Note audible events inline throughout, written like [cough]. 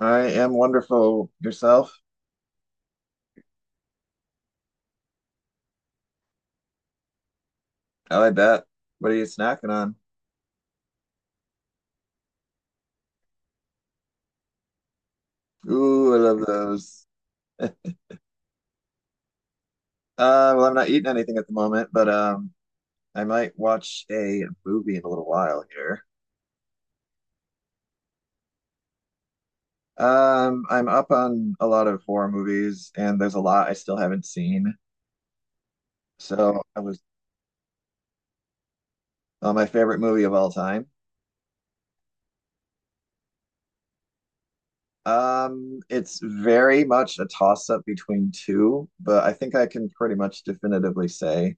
I am wonderful. Yourself? I like that. What are you snacking on? Ooh, I love those. I'm not eating anything at the moment, but I might watch a movie in a little while here. I'm up on a lot of horror movies, and there's a lot I still haven't seen. So I was on my favorite movie of all time. It's very much a toss-up between two, but I think I can pretty much definitively say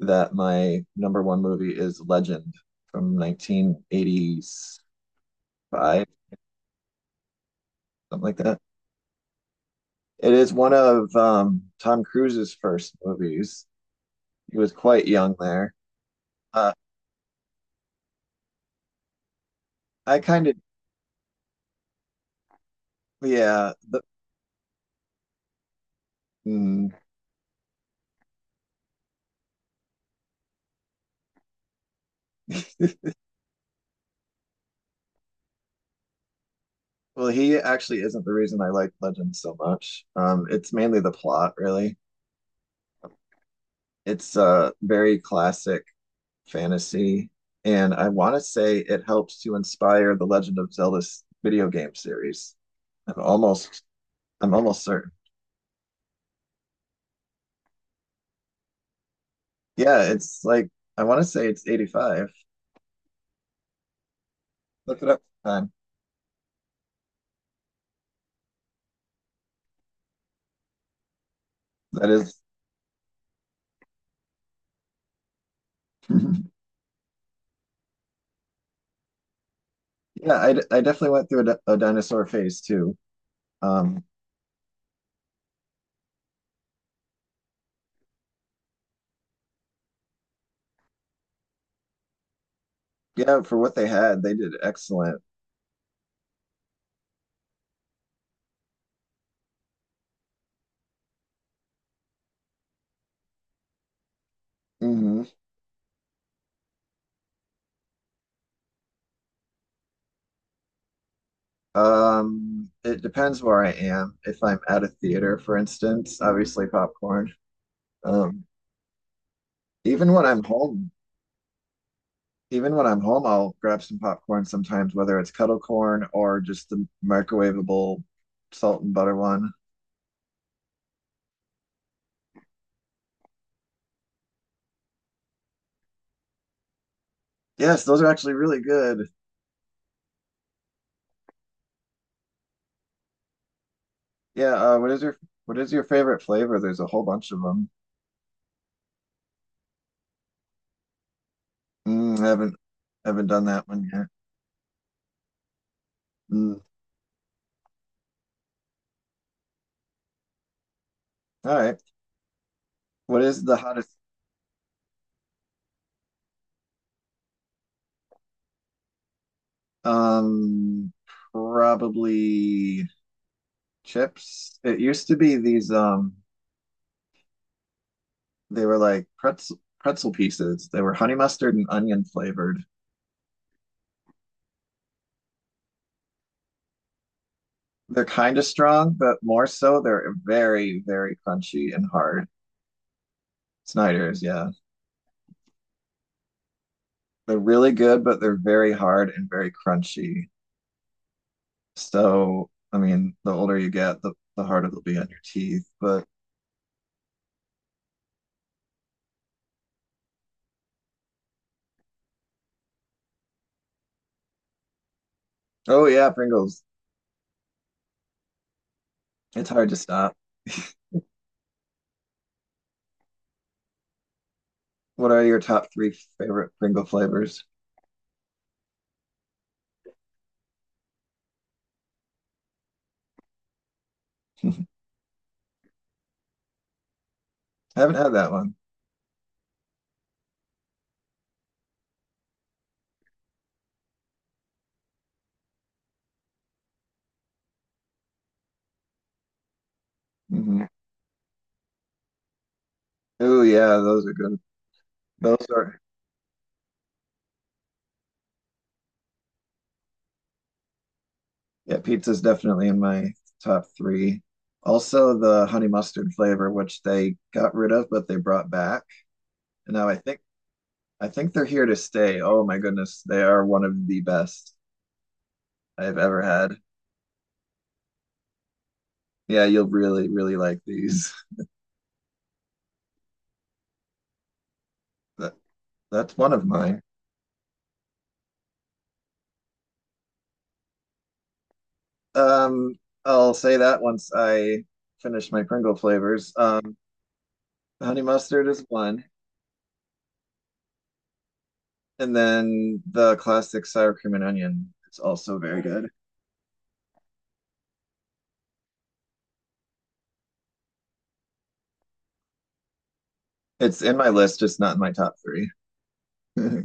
that my number one movie is Legend from 1985, something like that. It is one of Tom Cruise's first movies. He was quite young there. Uh, I kind of, yeah, the, mm, [laughs] Well, he actually isn't the reason I like Legend so much. It's mainly the plot, really. It's a very classic fantasy, and I want to say it helps to inspire the Legend of Zelda s- video game series. I'm almost I'm almost certain. Yeah, it's like I want to say it's 85. Look it up time. That is [laughs] Yeah, I definitely went through a dinosaur phase too. Um, yeah, for what they had, they did excellent. hmm it depends where I am. If I'm at a theater, for instance, obviously popcorn. Um, even when I'm home, Even when I'm home, I'll grab some popcorn sometimes, whether it's kettle corn or just the microwavable salt and butter one. Yes, those are actually really good. Yeah, what is your favorite flavor? There's a whole bunch of them. Mm, I haven't done that one yet. Mm, all right. What is the hottest? Um, Probably chips. It used to be these they were like pretzel pieces. They were honey mustard and onion flavored. They're kind of strong, but more so they're very, very crunchy and hard. Snyder's, yeah. They're really good, but they're very hard and very crunchy. So, I mean, the older you get, the harder it'll be on your teeth. But oh yeah, Pringles. It's hard to stop. What are your top three favorite Pringle flavors? [laughs] I haven't had that one. hmm Oh yeah, those are good. Those are Yeah, pizza's definitely in my top three. Also the honey mustard flavor, which they got rid of, but they brought back. And now I think they're here to stay. Oh my goodness, they are one of the best I've ever had. Yeah, you'll really, really like these. [laughs] That's one of mine. Um, I'll say that once I finish my Pringle flavors. The honey mustard is one, and then the classic sour cream and onion is also very good. It's in my list, just not in my top three. [laughs]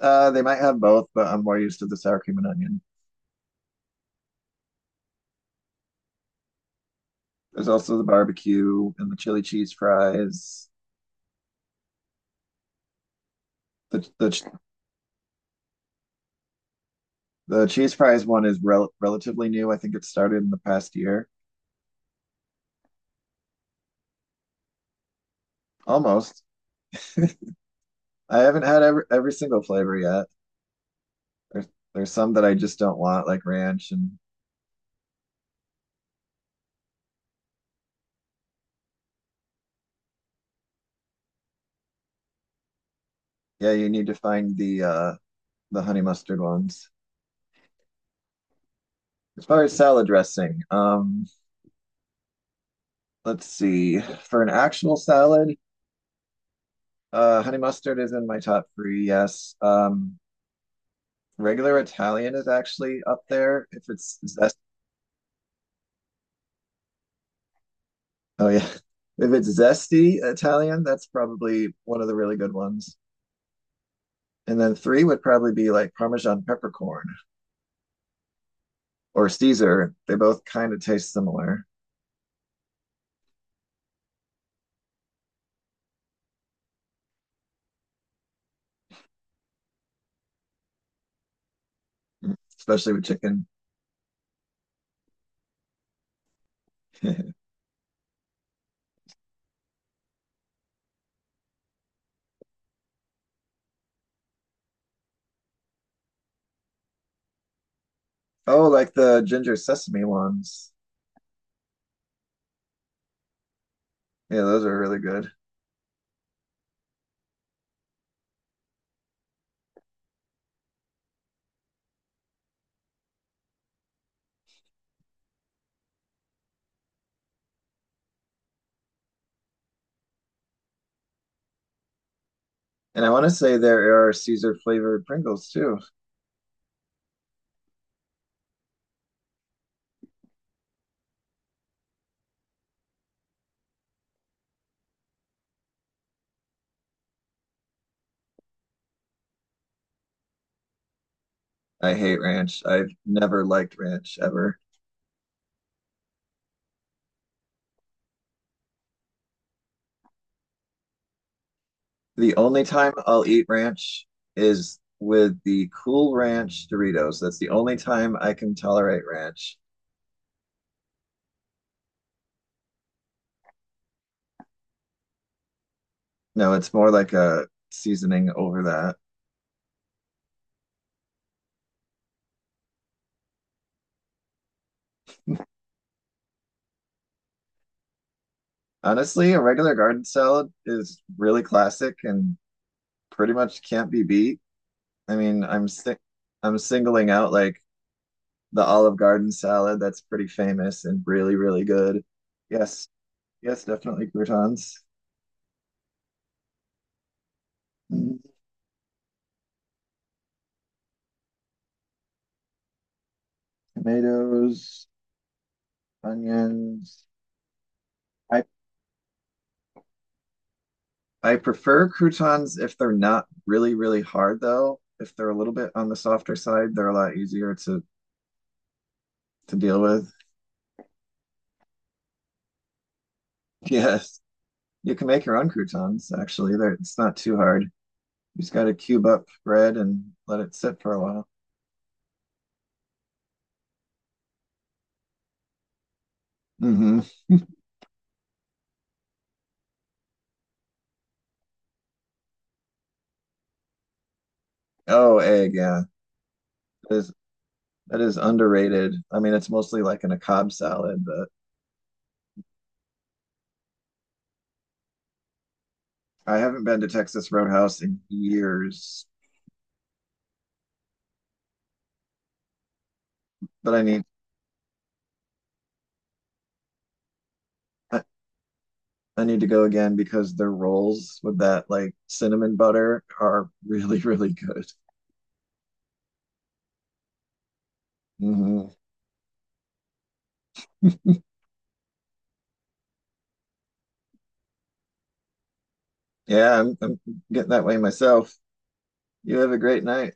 They might have both, but I'm more used to the sour cream and onion. There's also the barbecue and the chili cheese fries. The the the cheese fries one is relatively new. I think it started in the past year, almost. I haven't had every single flavor yet. There's there's some that I just don't want, like ranch. And yeah, you need to find the honey mustard ones. As far as salad dressing, let's see. For an actual salad, honey mustard is in my top three, yes. Regular Italian is actually up there. If it's zest— oh yeah. [laughs] If it's zesty Italian, that's probably one of the really good ones. And then three would probably be like Parmesan peppercorn or Caesar. They both kind of taste similar, especially with chicken. [laughs] Oh, like the ginger sesame ones. Yeah, those are really good. And I want to say there are Caesar flavored Pringles too. I hate ranch. I've never liked ranch ever. The only time I'll eat ranch is with the Cool Ranch Doritos. That's the only time I can tolerate ranch. No, it's more like a seasoning over that. Honestly, a regular garden salad is really classic and pretty much can't be beat. I mean, I'm singling out like the Olive Garden salad that's pretty famous and really, really good. Yes, yes, definitely croutons, mm, tomatoes, onions. I I prefer croutons if they're not really, really hard though. If they're a little bit on the softer side, they're a lot easier to deal with. [laughs] Yes, you can make your own croutons actually. They're— it's not too hard. You just got to cube up bread and let it sit for a while. hmm Oh, egg, yeah. There's That is underrated. I mean, it's mostly like in a Cobb salad. But I haven't been to Texas Roadhouse in years. But I, I need to go again because their rolls with that like cinnamon butter are really, [laughs] really good. Hmm. Yeah, I'm getting that way myself. You have a great night.